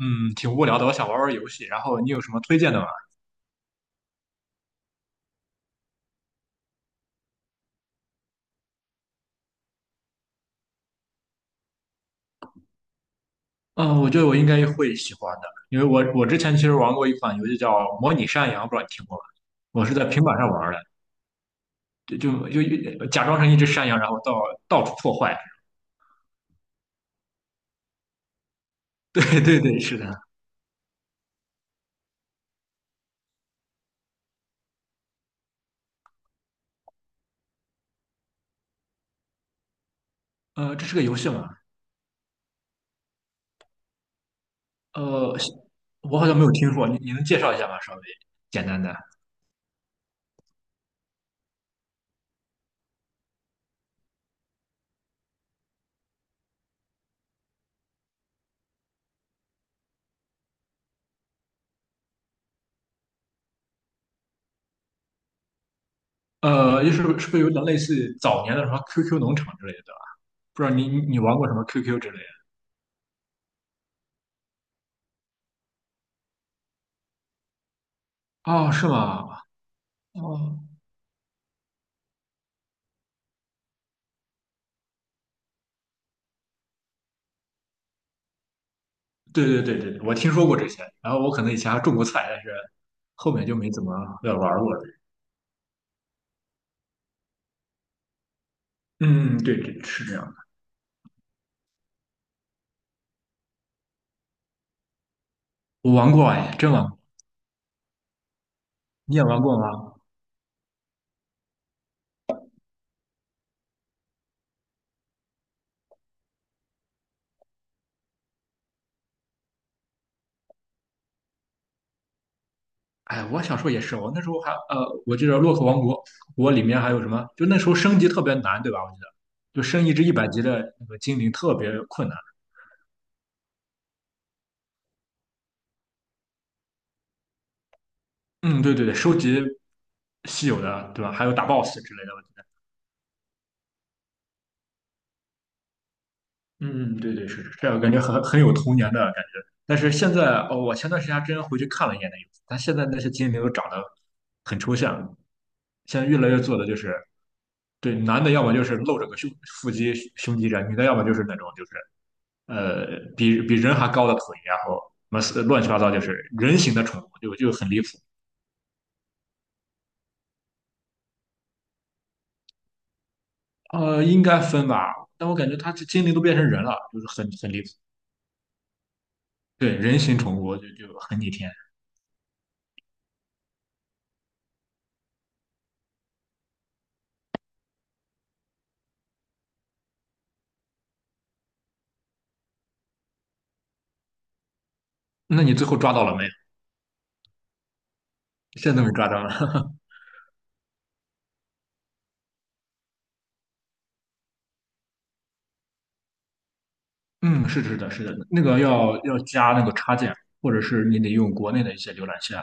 嗯，挺无聊的，我想玩玩游戏。然后你有什么推荐的吗？嗯，我觉得我应该会喜欢的，因为我之前其实玩过一款游戏叫《模拟山羊》，不知道你听过吗？我是在平板上玩的，就就假装成一只山羊，然后到处破坏。对对对，是的。这是个游戏吗？呃，我好像没有听说，你能介绍一下吗？稍微简单的。就是是不是有点类似于早年的什么 QQ 农场之类的？不知道你玩过什么 QQ 之类的？哦，是吗？哦，对对对对，我听说过这些，然后我可能以前还种过菜，但是后面就没怎么玩过了。嗯，对对，是这样的。我玩过哎，真玩过。你也玩过吗？哎，我小时候也是，我那时候还，我记得《洛克王国》，我里面还有什么？就那时候升级特别难，对吧？我记得，就升一只100级的那个精灵特别困难。嗯，对对对，收集稀有的，对吧？还有打 BOSS 之类的。嗯，嗯对对是，这样，感觉很有童年的感觉。但是现在，哦，我前段时间还真回去看了一眼那个，但现在那些精灵都长得很抽象，现在越来越做的就是，对，男的要么就是露着个胸腹肌胸肌这样，女的要么就是那种就是比人还高的腿，然后什么乱七八糟就是人形的宠物，就很离谱。应该分吧，但我感觉它这精灵都变成人了，就是很离谱。对，人形宠物就很逆天。那你最后抓到了没？现在都被抓到了。嗯，是的是的，是的，那个要加那个插件，或者是你得用国内的一些浏览器啊。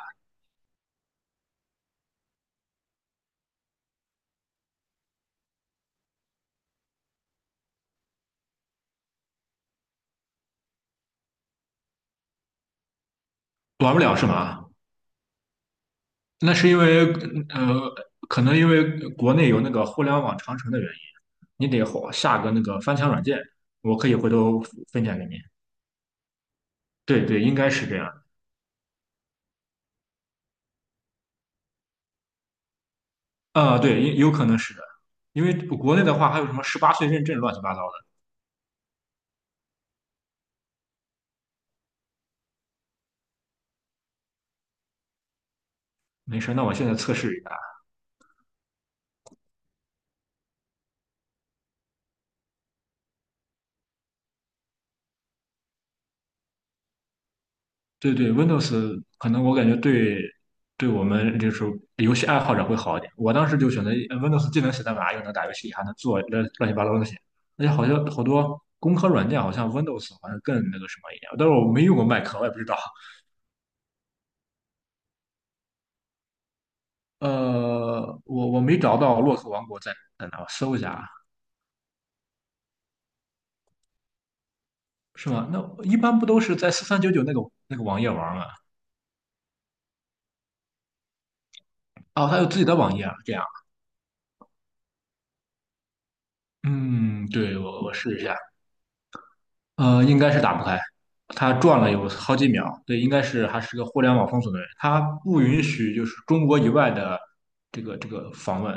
玩不了是吗？那是因为呃，可能因为国内有那个互联网长城的原因，你得下个那个翻墙软件，我可以回头分享给你。对对，应该是这样。啊、对，有可能是的，因为国内的话还有什么十八岁认证乱七八糟的。没事，那我现在测试一下。对对，Windows 可能我感觉对对我们就是游戏爱好者会好一点。我当时就选择Windows，既能写代码，又能打游戏，还能做乱七八糟的东西。而且好像好多工科软件好像 Windows 好像更那个什么一点，但是我没用过 Mac，我也不知道。我没找到洛克王国在哪，我搜一下啊，是吗？那一般不都是在4399那个网页玩吗？哦，它有自己的网页啊，这样。嗯，对，我试一下。应该是打不开，他转了有好几秒。对，应该是还是个互联网封锁的人，他不允许就是中国以外的这个访问，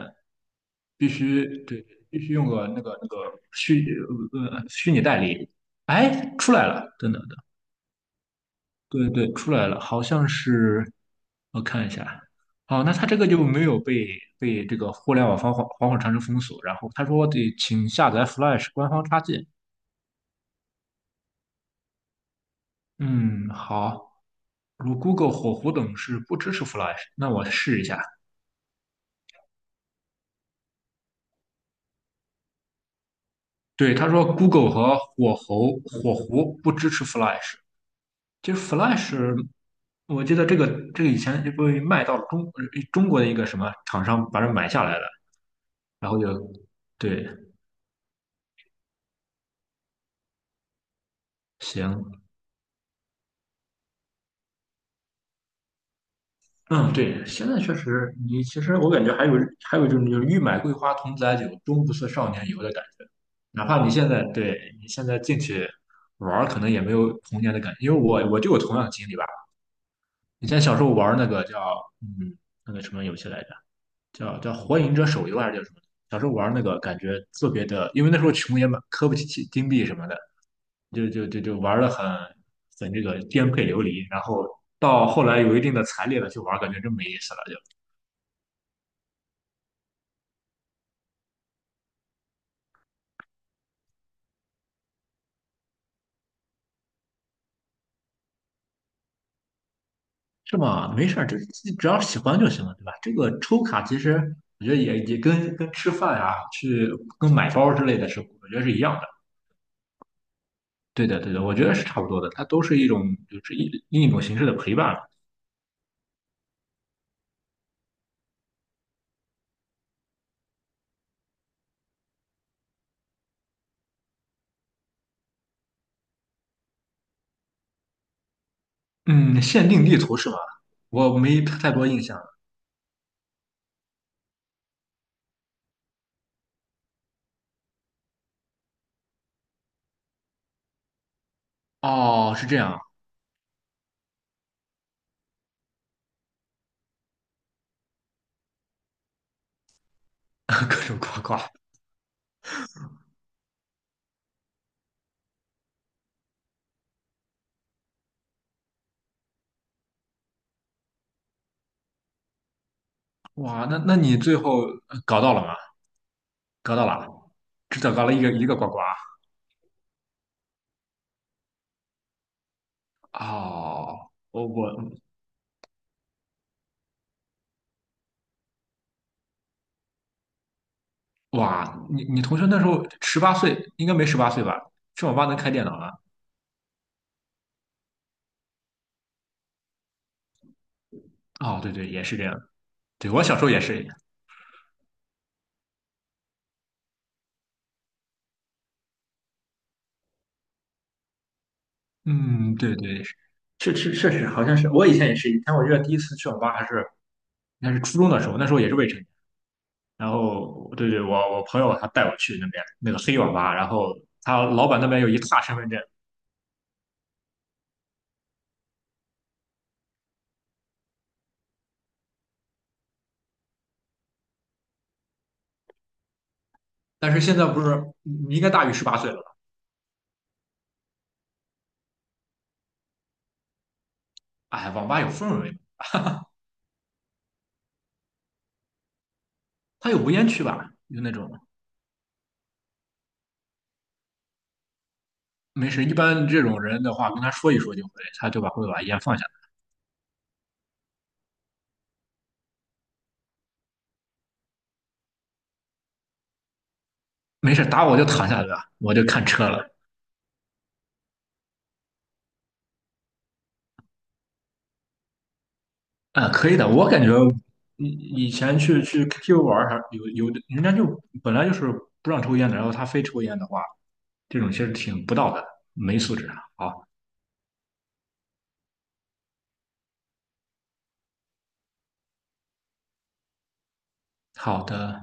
必须对，必须用个那个虚虚拟代理。哎，出来了，等等的，对对，出来了，好像是我看一下。哦，那他这个就没有被这个互联网防火长城封锁，然后他说得请下载 Flash 官方插件。嗯，好。如 Google 火狐等是不支持 Flash，那我试一下。对，他说 Google 和火狐不支持 Flash。其实 Flash，我记得这个以前就被卖到中国的一个什么厂商把这买下来了，然后就对，行，嗯，对，现在确实，你其实我感觉还有就是欲买桂花同载酒，终不似少年游的感觉。哪怕你现在对你现在进去玩儿可能也没有童年的感觉，因为我就有同样的经历吧。以前小时候玩那个叫嗯那个什么游戏来着，叫《火影者手游》还是叫什么？小时候玩那个感觉特别的，因为那时候穷也买磕不起金币什么的，就玩的很这个颠沛流离。然后到后来有一定的财力了去玩，感觉真没意思了就，是吗？没事儿，这自己只要喜欢就行了，对吧？这个抽卡其实我觉得也跟吃饭呀、去跟买包之类的是，我觉得是一样的。对的，对的，我觉得是差不多的，它都是一种就是另一种形式的陪伴。嗯，限定地图是吧？我没太多印象。哦，是这样，各种呱呱，哇，那你最后搞到了吗？搞到了，只找到了一个呱呱。哦，哇，你同学那时候十八岁，应该没十八岁吧？去网吧能开电脑了？哦，对对，也是这样。对，我小时候也是。嗯，对对，是确实好像是，我以前也是。以前我记得第一次去网吧还是应该是初中的时候，那时候也是未成年，然后对对，我朋友他带我去那边那个黑网吧，然后他老板那边有一沓身份证。但是现在不是你应该大于十八岁了吧？哎，网吧有氛围，他有无烟区吧？就那种没事，一般这种人的话，跟他说一说就会，他就会把烟放下。没事，打我就躺下对吧？我就看车了。啊、可以的，我感觉以以前去 KTV 玩儿还有有的人家就本来就是不让抽烟的，然后他非抽烟的话，这种其实挺不道德的，没素质啊。好好的。